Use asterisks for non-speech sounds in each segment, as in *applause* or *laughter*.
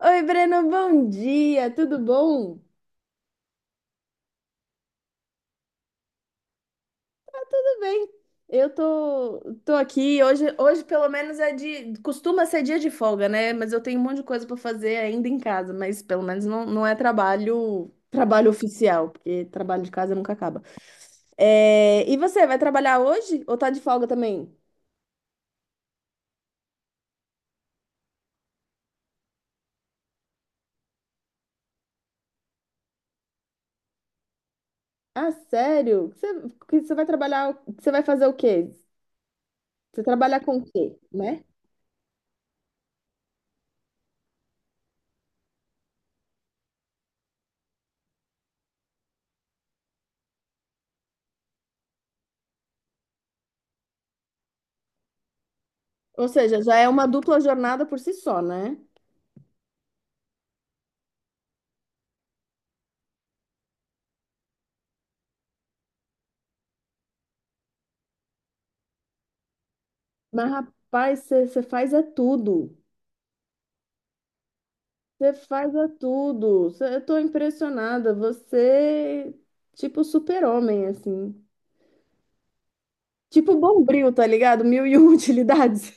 Oi, Breno, bom dia, tudo bom? Tudo bem. Eu tô aqui. Hoje, pelo menos, é de. Costuma ser dia de folga, né? Mas eu tenho um monte de coisa para fazer ainda em casa, mas pelo menos não é trabalho, trabalho oficial, porque trabalho de casa nunca acaba. É, e você, vai trabalhar hoje ou tá de folga também? Ah, sério? Você, que você vai trabalhar. Você vai fazer o quê? Você trabalha com o quê, né? Ou seja, já é uma dupla jornada por si só, né? Mas, rapaz, você faz é tudo. Você faz é tudo. Eu tô impressionada. Você, tipo, super-homem, assim. Tipo Bombril, tá ligado? Mil e uma *laughs* utilidades.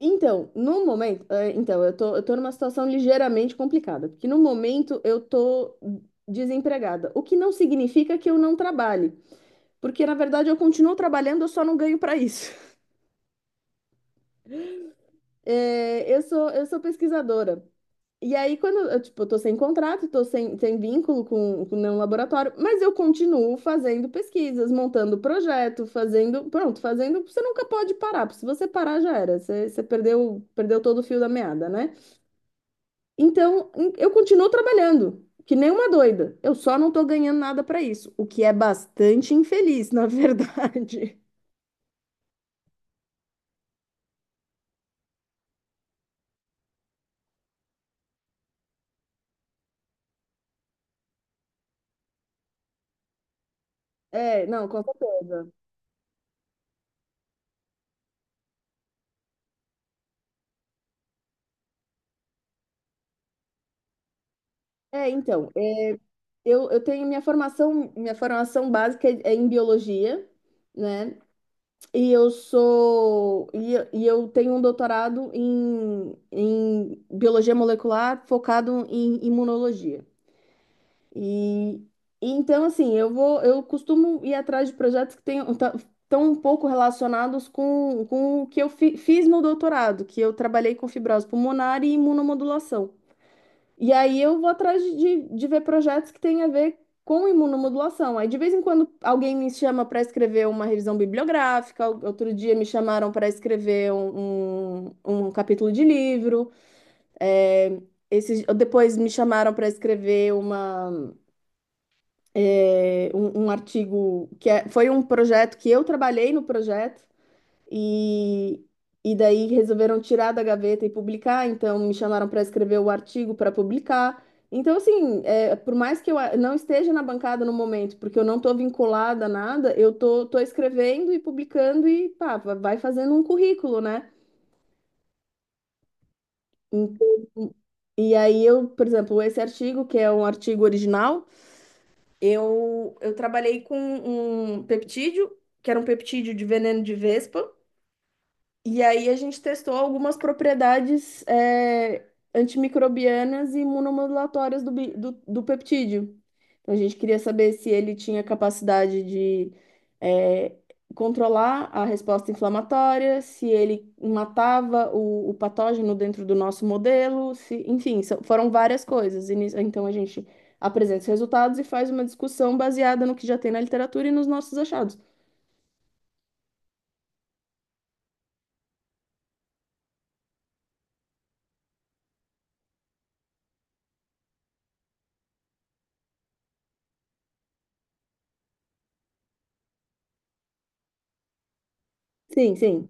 Então, no momento, eu tô numa situação ligeiramente complicada, porque no momento eu tô desempregada, o que não significa que eu não trabalhe, porque na verdade eu continuo trabalhando, eu só não ganho para isso. *laughs* Eu sou pesquisadora. E aí, quando eu, tipo, eu tô sem contrato, tô sem vínculo com nenhum laboratório, mas eu continuo fazendo pesquisas, montando projeto, fazendo, pronto, fazendo, você nunca pode parar, porque se você parar já era, você perdeu, perdeu todo o fio da meada, né? Então, eu continuo trabalhando, que nem uma doida, eu só não tô ganhando nada pra isso, o que é bastante infeliz, na verdade. *laughs* É, não, com certeza. É, então, é, eu tenho minha formação básica é em biologia, né? E eu sou e eu tenho um doutorado em, em biologia molecular focado em imunologia. E, e então assim, eu costumo ir atrás de projetos que tenham tão um pouco relacionados com o que eu fiz no doutorado, que eu trabalhei com fibrose pulmonar e imunomodulação. E aí eu vou atrás de ver projetos que têm a ver com imunomodulação. Aí de vez em quando alguém me chama para escrever uma revisão bibliográfica, outro dia me chamaram para escrever um capítulo de livro. É, depois me chamaram para escrever um artigo foi um projeto que eu trabalhei no projeto. E, e daí resolveram tirar da gaveta e publicar, então me chamaram para escrever o artigo para publicar. Então, assim, é, por mais que não esteja na bancada no momento, porque eu não estou vinculada a nada, eu tô escrevendo e publicando e pá, vai fazendo um currículo, né? Então, e aí eu, por exemplo, esse artigo, que é um artigo original, eu trabalhei com um peptídeo, que era um peptídeo de veneno de vespa. E aí a gente testou algumas propriedades, antimicrobianas e imunomodulatórias do peptídeo. Então, a gente queria saber se ele tinha capacidade de é, controlar a resposta inflamatória, se ele matava o patógeno dentro do nosso modelo, se, enfim, foram várias coisas. Então a gente apresenta os resultados e faz uma discussão baseada no que já tem na literatura e nos nossos achados. Sim, sim.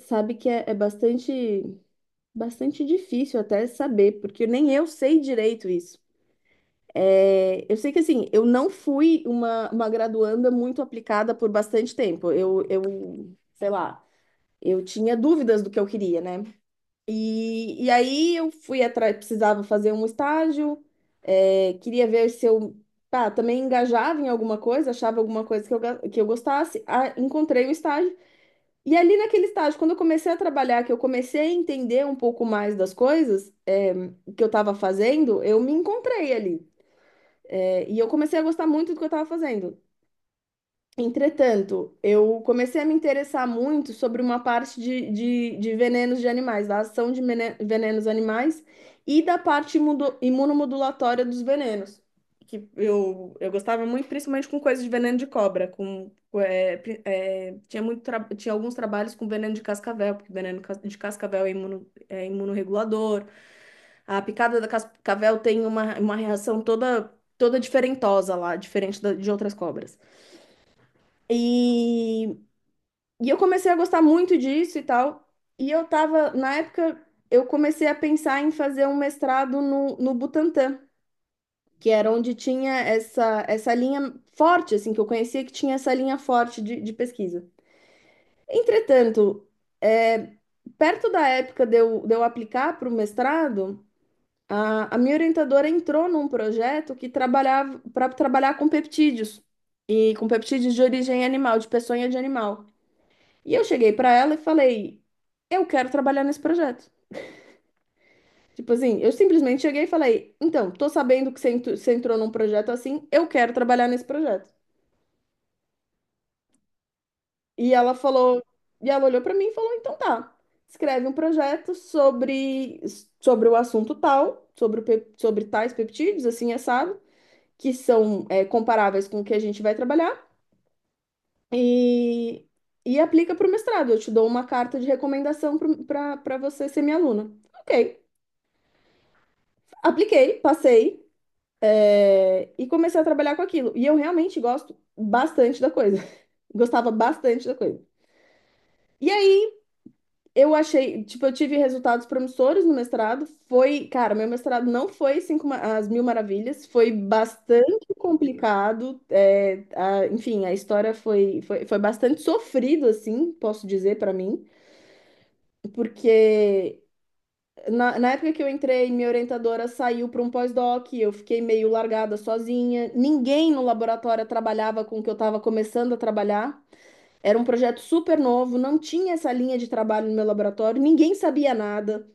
Sabe que é bastante. Bastante difícil até saber, porque nem eu sei direito isso. É, eu sei que assim, eu não fui uma graduanda muito aplicada por bastante tempo. Sei lá, eu tinha dúvidas do que eu queria, né? E aí eu fui atrás, precisava fazer um estágio, queria ver se eu, pá, também engajava em alguma coisa, achava alguma coisa que que eu gostasse. Ah, encontrei um estágio. E ali naquele estágio, quando eu comecei a trabalhar, que eu comecei a entender um pouco mais das coisas. Que eu estava fazendo, eu me encontrei ali. É, e eu comecei a gostar muito do que eu estava fazendo. Entretanto, eu comecei a me interessar muito sobre uma parte de venenos de animais, da ação de venenos animais e da parte imunomodulatória dos venenos. Que eu gostava muito, principalmente com coisas de veneno de cobra. Com, é, pri- é, tinha, tinha alguns trabalhos com veneno de cascavel, porque de cascavel é imunorregulador. A picada da cascavel tem uma reação toda diferentosa lá, diferente de outras cobras. E, e eu comecei a gostar muito disso e tal. E eu tava, na época, eu comecei a pensar em fazer um mestrado no butantan, que era onde tinha essa linha forte, assim, que eu conhecia que tinha essa linha forte de pesquisa. Entretanto, é, perto da época de eu aplicar para o mestrado, a minha orientadora entrou num projeto que trabalhava para trabalhar com peptídeos e com peptídeos de origem animal, de peçonha de animal. E eu cheguei para ela e falei: "Eu quero trabalhar nesse projeto". Tipo assim, eu simplesmente cheguei e falei: "Então, tô sabendo que você entrou num projeto assim, eu quero trabalhar nesse projeto". E ela falou, e ela olhou para mim e falou: "Então tá. Escreve um projeto sobre o assunto tal, sobre o sobre tais peptídeos, assim, assado que são comparáveis com o que a gente vai trabalhar e, e aplica para o mestrado. Eu te dou uma carta de recomendação para você ser minha aluna". Ok, apliquei, passei, e comecei a trabalhar com aquilo. E eu realmente gosto bastante da coisa. *laughs* Gostava bastante da coisa. E aí eu achei, tipo, eu tive resultados promissores no mestrado. Foi, cara, meu mestrado não foi cinco, as mil maravilhas, foi bastante complicado. Enfim, a história foi, foi bastante sofrido, assim, posso dizer pra mim, porque na época que eu entrei, minha orientadora saiu para um pós-doc, eu fiquei meio largada sozinha. Ninguém no laboratório trabalhava com o que eu estava começando a trabalhar. Era um projeto super novo, não tinha essa linha de trabalho no meu laboratório, ninguém sabia nada.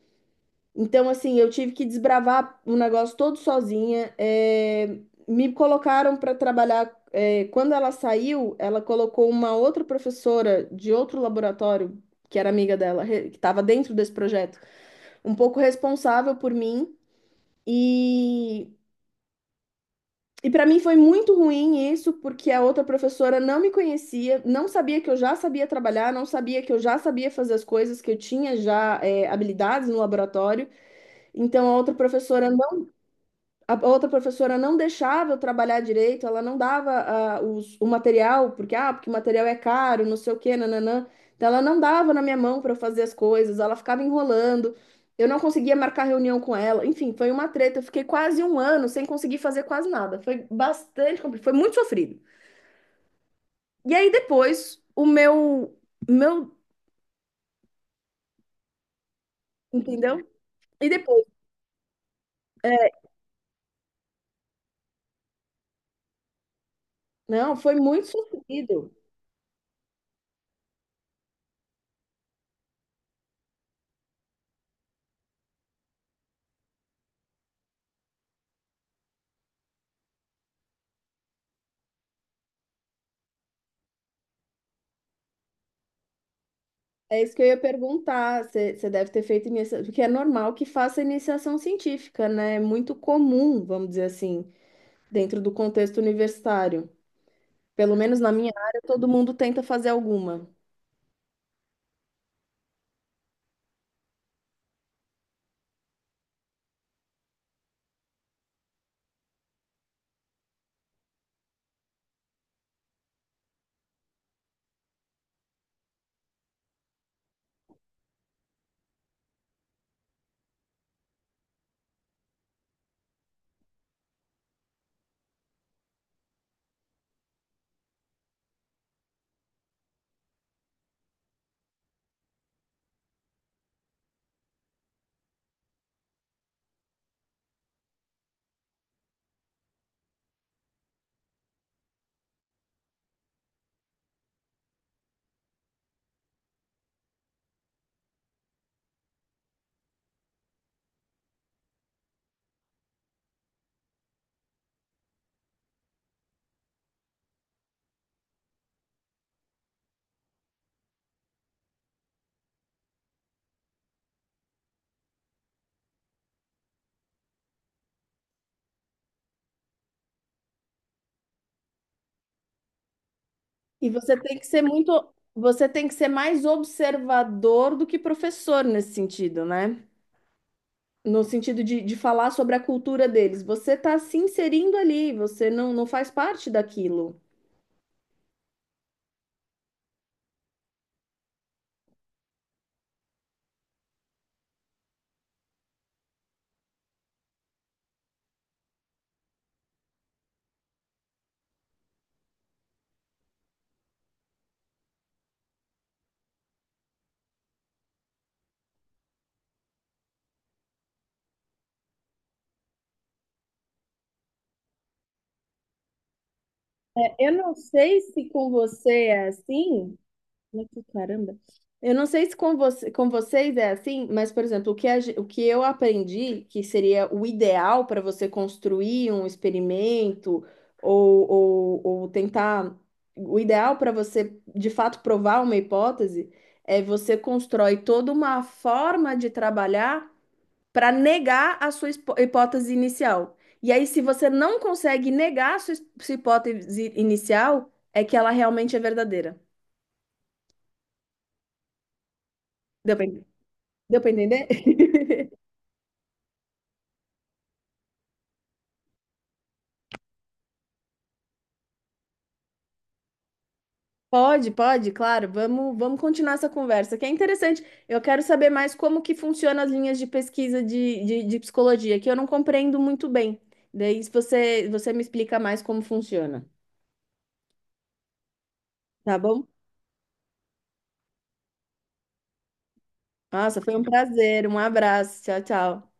Então, assim, eu tive que desbravar o negócio todo sozinha. Me colocaram para trabalhar. Quando ela saiu, ela colocou uma outra professora de outro laboratório, que era amiga dela, que estava dentro desse projeto, um pouco responsável por mim. E, e para mim foi muito ruim isso, porque a outra professora não me conhecia, não sabia que eu já sabia trabalhar, não sabia que eu já sabia fazer as coisas, que eu tinha já, é, habilidades no laboratório. Então, a outra professora A outra professora não deixava eu trabalhar direito, ela não dava ah, o material, porque, ah, porque o material é caro, não sei o quê, nananã. Então, ela não dava na minha mão para eu fazer as coisas, ela ficava enrolando, eu não conseguia marcar reunião com ela. Enfim, foi uma treta, eu fiquei quase um ano sem conseguir fazer quase nada. Foi bastante complicado, foi muito sofrido. E aí, depois, meu, entendeu? E depois, é, não, foi muito sofrido. É isso que eu ia perguntar. Você deve ter feito iniciação, porque é normal que faça iniciação científica, né? É muito comum, vamos dizer assim, dentro do contexto universitário. Pelo menos na minha área, todo mundo tenta fazer alguma. E você tem que ser muito, você tem que ser mais observador do que professor nesse sentido, né? No sentido de falar sobre a cultura deles. Você está se inserindo ali, você não faz parte daquilo. É, eu não sei se com você é assim. Olha que caramba. Eu não sei se com você, com vocês é assim, mas, por exemplo, o que eu aprendi que seria o ideal para você construir um experimento ou tentar. O ideal para você, de fato, provar uma hipótese é você constrói toda uma forma de trabalhar para negar a sua hipótese inicial. E aí, se você não consegue negar a sua sua hipótese inicial, é que ela realmente é verdadeira. Deu pra Deu para entender? *laughs* Pode, pode, claro. Vamos continuar essa conversa, que é interessante. Eu quero saber mais como que funcionam as linhas de pesquisa de psicologia, que eu não compreendo muito bem. Daí, se você, você me explica mais como funciona, tá bom? Nossa, foi um prazer. Um abraço. Tchau, tchau.